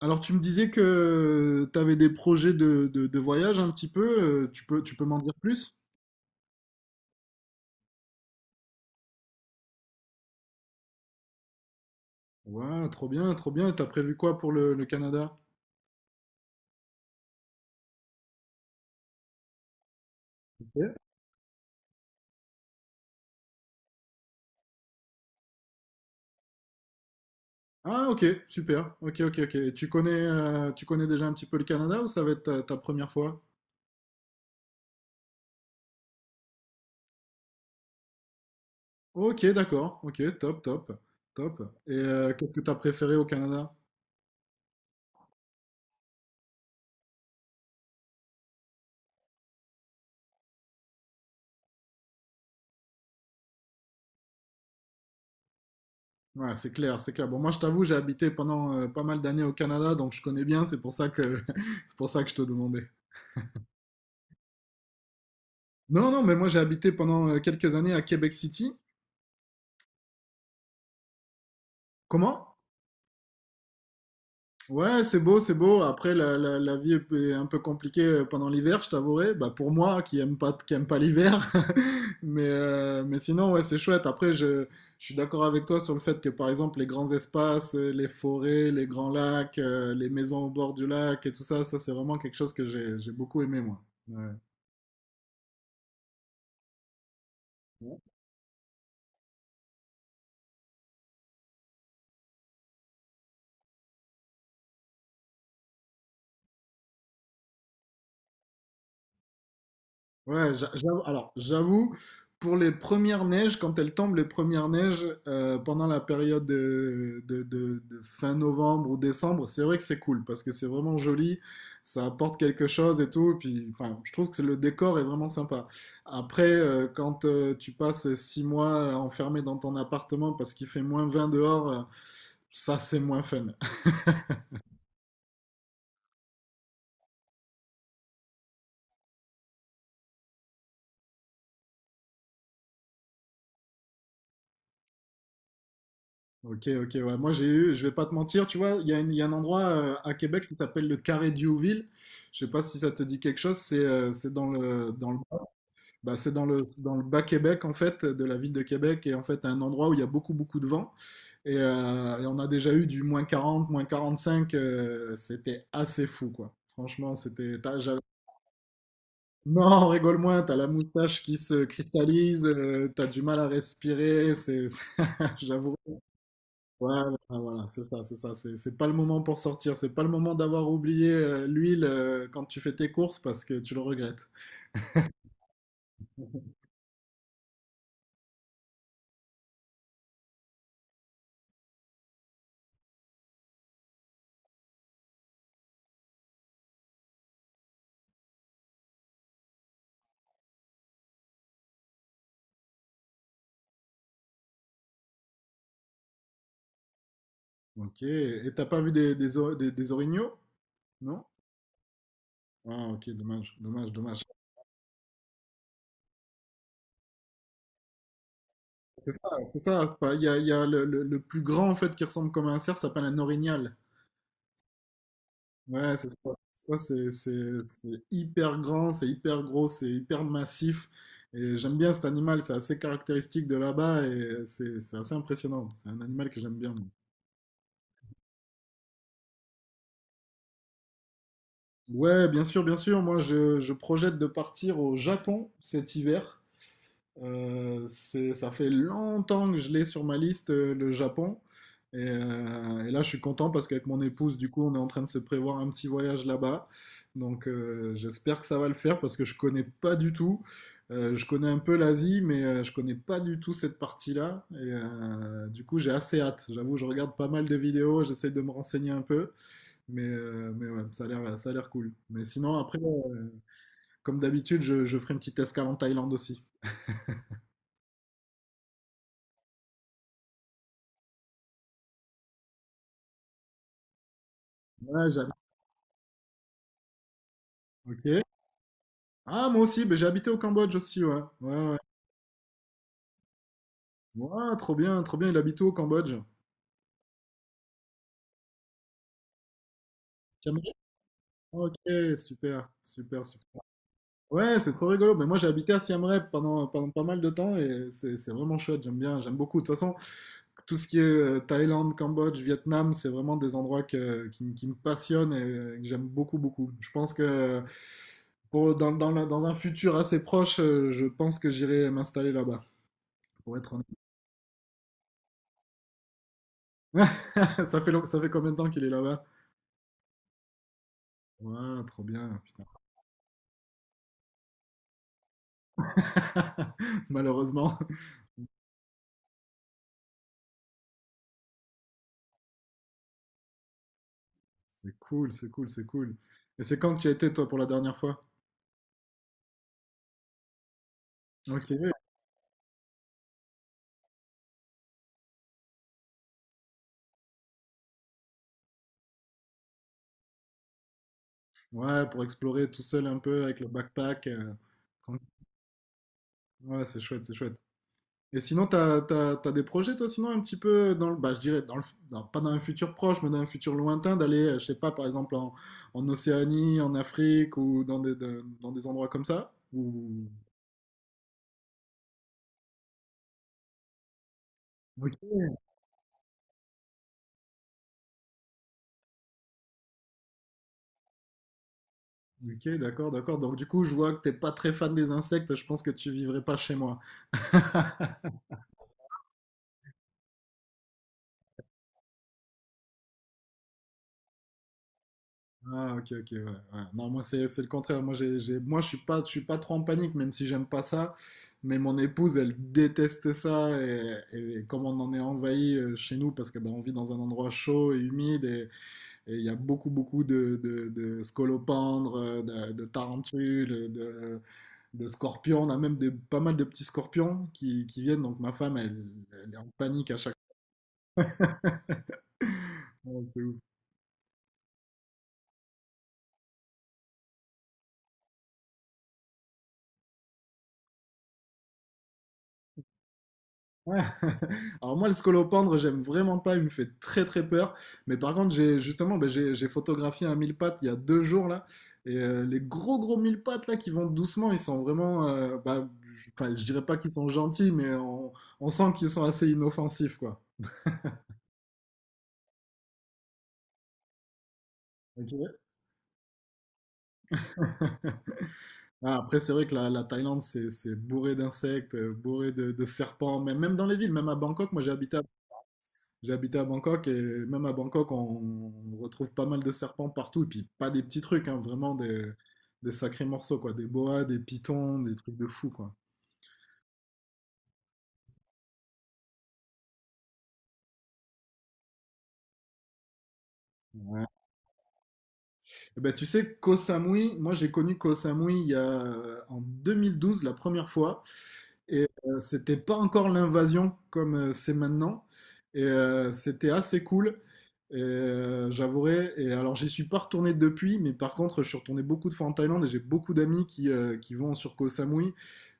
Alors, tu me disais que tu avais des projets de voyage un petit peu. Tu peux m'en dire plus? Ouais, trop bien, trop bien. Et t'as prévu quoi pour le Canada? Ok. Ah, ok, super. Ok, ok, ok. Et tu connais déjà un petit peu le Canada ou ça va être ta première fois? Ok, d'accord. Ok, top, top, top. Et qu'est-ce que t'as préféré au Canada? Ouais, c'est clair, c'est clair. Bon, moi, je t'avoue, j'ai habité pendant pas mal d'années au Canada, donc je connais bien. C'est pour ça que, c'est pour ça que je te demandais. Non, non, mais moi j'ai habité pendant quelques années à Québec City. Comment? Ouais, c'est beau, c'est beau. Après, la vie est un peu compliquée pendant l'hiver, je t'avouerai. Bah, pour moi, qui aime pas l'hiver. Mais, mais sinon, ouais, c'est chouette. Après, je suis d'accord avec toi sur le fait que, par exemple, les grands espaces, les forêts, les grands lacs, les maisons au bord du lac et tout ça, ça, c'est vraiment quelque chose que j'ai beaucoup aimé, moi. Ouais. Ouais, alors j'avoue, pour les premières neiges, quand elles tombent, les premières neiges, pendant la période de fin novembre ou décembre, c'est vrai que c'est cool parce que c'est vraiment joli, ça apporte quelque chose et tout, et puis enfin, je trouve que le décor est vraiment sympa. Après, quand tu passes 6 mois enfermé dans ton appartement parce qu'il fait -20 dehors, ça c'est moins fun. Ok, ok, ouais. Moi, j'ai eu, je vais pas te mentir, tu vois, il y a un endroit à Québec qui s'appelle le Carré Diouville. Je sais pas si ça te dit quelque chose. C'est dans le, bah, c'est dans le bas Québec, en fait, de la ville de Québec. Et en fait, un endroit où il y a beaucoup, beaucoup de vent. Et, et on a déjà eu du -40, moins 45. C'était assez fou, quoi. Franchement, c'était. Non, rigole moins, t'as la moustache qui se cristallise, t'as du mal à respirer. C'est, j'avoue. Voilà, voilà, c'est ça, c'est ça. C'est pas le moment pour sortir. C'est pas le moment d'avoir oublié l'huile quand tu fais tes courses parce que tu le regrettes. Ok. Et t'as pas vu des orignaux? Non? Ah, ok, dommage, dommage, dommage. Ah, c'est ça. C'est pas- Il y a le plus grand en fait qui ressemble comme un cerf, ça s'appelle un orignal. Ouais, c'est ça. Ça, c'est hyper grand, c'est hyper gros, c'est hyper massif. Et j'aime bien cet animal, c'est assez caractéristique de là-bas et c'est assez impressionnant. C'est un animal que j'aime bien. Ouais, bien sûr, bien sûr. Moi, je projette de partir au Japon cet hiver. Ça fait longtemps que je l'ai sur ma liste, le Japon. Et, et là, je suis content parce qu'avec mon épouse, du coup, on est en train de se prévoir un petit voyage là-bas. Donc, j'espère que ça va le faire parce que je connais pas du tout. Je connais un peu l'Asie, mais je connais pas du tout cette partie-là. Et du coup, j'ai assez hâte. J'avoue, je regarde pas mal de vidéos, j'essaie de me renseigner un peu. Mais, mais ouais, ça a l'air cool. Mais sinon, après, comme d'habitude, je ferai une petite escale en Thaïlande aussi. Ouais, Ok. Ah, moi aussi, ben, j'ai habité au Cambodge aussi, ouais. Ouais, ouais. Ouais, trop bien, il habite où au Cambodge? T'aimerais? Ok, super, super, super. Ouais, c'est trop rigolo. Mais moi, j'ai habité à Siem Reap pendant pas mal de temps et c'est vraiment chouette. J'aime bien, j'aime beaucoup. De toute façon, tout ce qui est Thaïlande, Cambodge, Vietnam, c'est vraiment des endroits qui me passionnent et que j'aime beaucoup, beaucoup. Je pense que pour, dans, dans la- dans un futur assez proche, je pense que j'irai m'installer là-bas, pour être honnête. Ça fait combien de temps qu'il est là-bas? Ouais, trop bien, putain. Malheureusement. C'est cool, c'est cool, c'est cool. Et c'est quand que tu y as été, toi, pour la dernière fois? Ok. Ouais, pour explorer tout seul un peu avec le backpack, tranquille. Ouais, c'est chouette, c'est chouette. Et sinon, t'as des projets, toi, sinon, un petit peu dans le, bah, je dirais, dans le, fu- dans- pas dans un futur proche, mais dans un futur lointain, d'aller, je sais pas, par exemple, en Océanie, en Afrique ou dans des endroits comme ça? Ou... Ok. Ok, d'accord, d'accord. Donc, du coup, je vois que t'es pas très fan des insectes, je pense que tu vivrais pas chez moi. Ah, ok, ok, ouais, ouais. Non, moi, c'est le contraire. Moi, moi, je suis pas trop en panique, même si j'aime pas ça. Mais mon épouse, elle déteste ça. Et comme on en est envahi chez nous, parce que ben, on vit dans un endroit chaud et humide, et il y a beaucoup, beaucoup de scolopendres, de tarentules, de scorpions. On a même pas mal de petits scorpions qui viennent. Donc, ma femme, elle, elle est en panique à chaque fois. Ouais. Alors moi, le scolopendre, j'aime vraiment pas, il me fait très très peur. Mais par contre, j'ai justement, ben, j'ai photographié un mille pattes il y a 2 jours là, et les gros gros mille pattes là qui vont doucement, ils sont vraiment, bah, enfin, je dirais pas qu'ils sont gentils, mais on sent qu'ils sont assez inoffensifs quoi. Ok. Voilà, après, c'est vrai que la Thaïlande, c'est bourré d'insectes, bourré de serpents, mais même dans les villes, même à Bangkok, moi j'ai habité à Bangkok et même à Bangkok, on retrouve pas mal de serpents partout. Et puis pas des petits trucs, hein, vraiment des sacrés morceaux, quoi. Des boas, des pitons, des trucs de fou, quoi. Eh ben, tu sais, Koh Samui, moi j'ai connu Koh Samui en 2012 la première fois. Et c'était pas encore l'invasion comme c'est maintenant. Et c'était assez cool. Et j'avouerai. Et alors j'y suis pas retourné depuis, mais par contre je suis retourné beaucoup de fois en Thaïlande et j'ai beaucoup d'amis qui vont sur Koh Samui.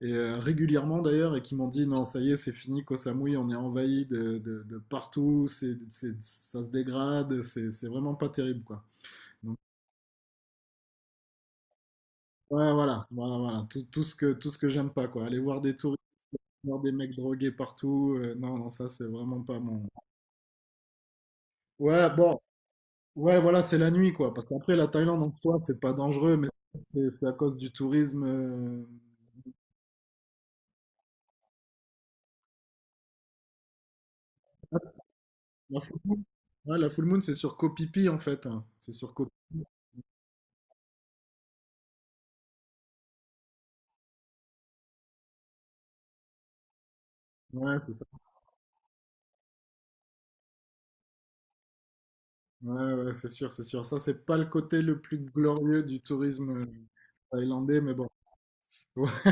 Et régulièrement d'ailleurs, et qui m'ont dit non, ça y est, c'est fini, Koh Samui, on est envahi de partout, ça se dégrade, c'est vraiment pas terrible quoi. Ouais, voilà, voilà, voilà, tout ce que j'aime pas, quoi. Aller voir des touristes, voir des mecs drogués partout, non, non, ça, c'est vraiment pas mon... Ouais, bon, ouais, voilà, c'est la nuit, quoi, parce qu'après, la Thaïlande, en soi, c'est pas dangereux, mais c'est à cause du tourisme. La full moon, ouais, la full moon, c'est sur Koh Phi Phi, en fait, hein. C'est sur Koh Phi Phi. Ouais, c'est ça. Ouais, ouais, c'est sûr, c'est sûr. Ça, c'est pas le côté le plus glorieux du tourisme thaïlandais, mais bon.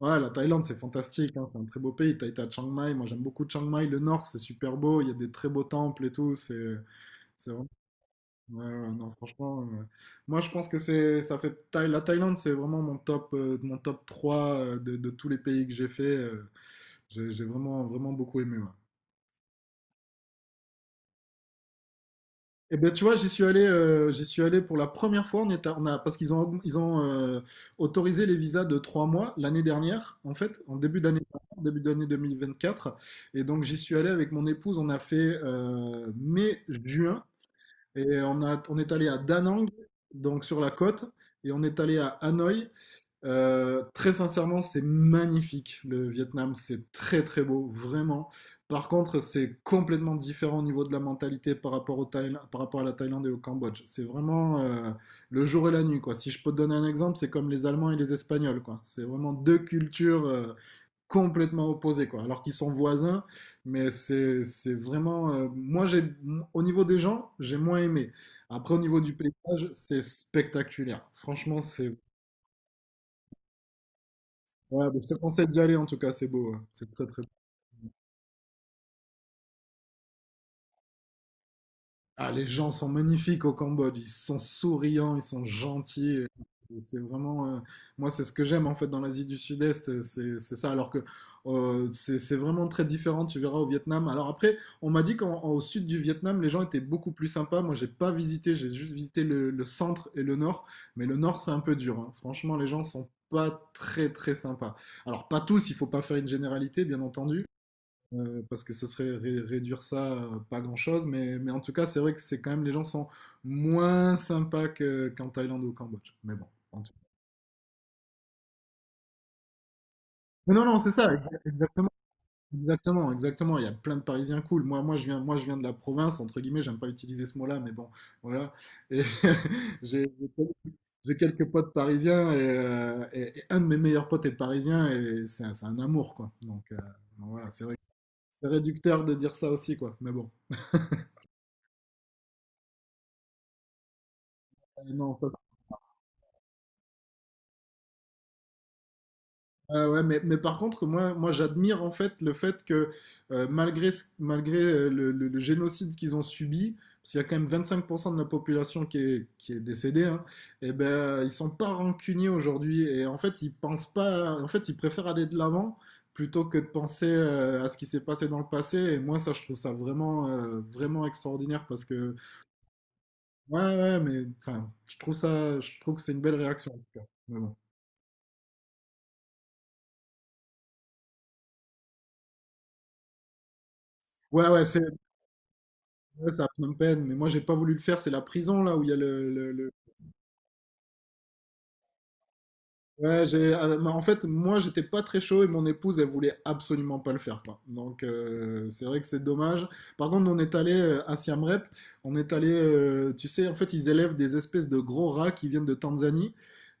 Ouais, la Thaïlande, c'est fantastique, hein, c'est un très beau pays. T'as été à Chiang Mai, moi j'aime beaucoup Chiang Mai. Le nord, c'est super beau, il y a des très beaux temples et tout. C'est vraiment- ouais, ouais, non, franchement, moi je pense que c'est, ça fait Thaï- la Thaïlande, c'est vraiment mon top 3 de tous les pays que j'ai fait. J'ai vraiment, vraiment beaucoup aimé. Ouais. Eh ben, tu vois, j'y suis allé pour la première fois. On est à- on a, Parce qu'ils ont, ils ont autorisé les visas de 3 mois l'année dernière, en fait, en début d'année 2024. Et donc, j'y suis allé avec mon épouse. On a fait mai-juin et on est allé à Da Nang, donc sur la côte, et on est allé à Hanoï. Très sincèrement, c'est magnifique le Vietnam, c'est très très beau, vraiment. Par contre, c'est complètement différent au niveau de la mentalité par rapport à la Thaïlande et au Cambodge. C'est vraiment le jour et la nuit, quoi. Si je peux te donner un exemple, c'est comme les Allemands et les Espagnols, quoi. C'est vraiment deux cultures complètement opposées, quoi. Alors qu'ils sont voisins, mais c'est vraiment. Moi, j'ai au niveau des gens, j'ai moins aimé. Après, au niveau du paysage, c'est spectaculaire. Franchement, c'est ouais, mais je te conseille d'y aller en tout cas, c'est beau, hein. C'est très très beau. Ah, les gens sont magnifiques au Cambodge, ils sont souriants, ils sont gentils et c'est vraiment, moi c'est ce que j'aime en fait dans l'Asie du Sud-Est, c'est ça. Alors que c'est vraiment très différent, tu verras au Vietnam. Alors après, on m'a dit qu'au sud du Vietnam, les gens étaient beaucoup plus sympas. Moi j'ai pas visité, j'ai juste visité le centre et le nord. Mais le nord c'est un peu dur, hein. Franchement, les gens sont pas très très sympas. Alors pas tous, il faut pas faire une généralité, bien entendu. Parce que ce serait réduire ça à pas grand-chose, mais en tout cas, c'est vrai que c'est quand même les gens sont moins sympas qu'en Thaïlande ou au Cambodge. Mais bon, en tout. Mais non, non, c'est ça, exactement, exactement, exactement. Il y a plein de Parisiens cool. Moi, moi, je viens de la province, entre guillemets, j'aime pas utiliser ce mot-là, mais bon, voilà. Et j'ai j'ai quelques potes parisiens et, et un de mes meilleurs potes est parisien et c'est un amour, quoi. Donc voilà, c'est vrai que c'est réducteur de dire ça aussi, quoi. Mais bon. Non, ça, ah ouais, mais par contre, moi, moi j'admire en fait le fait que malgré, malgré le, le génocide qu'ils ont subi, parce qu'il y a quand même 25% de la population qui est décédée, hein, et ben, ils sont pas rancuniers aujourd'hui. Et en fait, ils pensent pas, en fait, ils préfèrent aller de l'avant plutôt que de penser à ce qui s'est passé dans le passé. Et moi, ça, je trouve ça vraiment, vraiment extraordinaire parce que, ouais, ouais, mais enfin, je trouve ça, je trouve que c'est une belle réaction en tout cas. Mais bon. Ouais, ouais, c'est ouais, c'est à Phnom Penh, mais moi j'ai pas voulu le faire, c'est la prison là où il y a le, le. Ouais, j'ai... ah, mais en fait, moi j'étais pas très chaud et mon épouse elle voulait absolument pas le faire quoi. Donc c'est vrai que c'est dommage. Par contre, on est allé à Siem Reap, on est allé, tu sais, en fait ils élèvent des espèces de gros rats qui viennent de Tanzanie.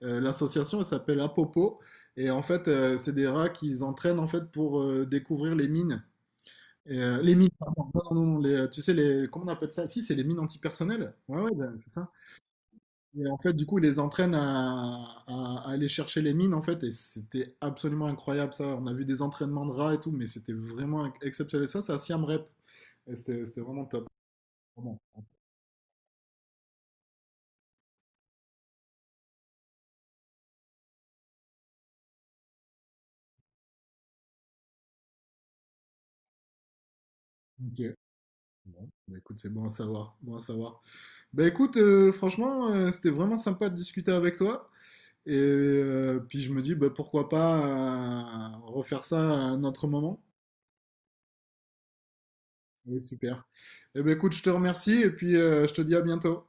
L'association elle s'appelle Apopo et en fait c'est des rats qu'ils entraînent en fait pour découvrir les mines. Et, les mines, pardon. Non, non, non, les, tu sais, les, comment on appelle ça? Si, c'est les mines antipersonnelles. Ouais, ouais, ben, c'est ça. Et en fait, du coup, il les entraîne à, à aller chercher les mines, en fait, et c'était absolument incroyable ça. On a vu des entraînements de rats et tout, mais c'était vraiment exceptionnel. Ça, c'est à Siam Rep, et c'était vraiment top. Vraiment. Ok. Bon, bah écoute, c'est bon à savoir. Bon à savoir. Bah écoute, franchement, c'était vraiment sympa de discuter avec toi. Et puis je me dis, bah, pourquoi pas refaire ça à un autre moment. Oui, super. Et ben écoute, je te remercie et puis je te dis à bientôt.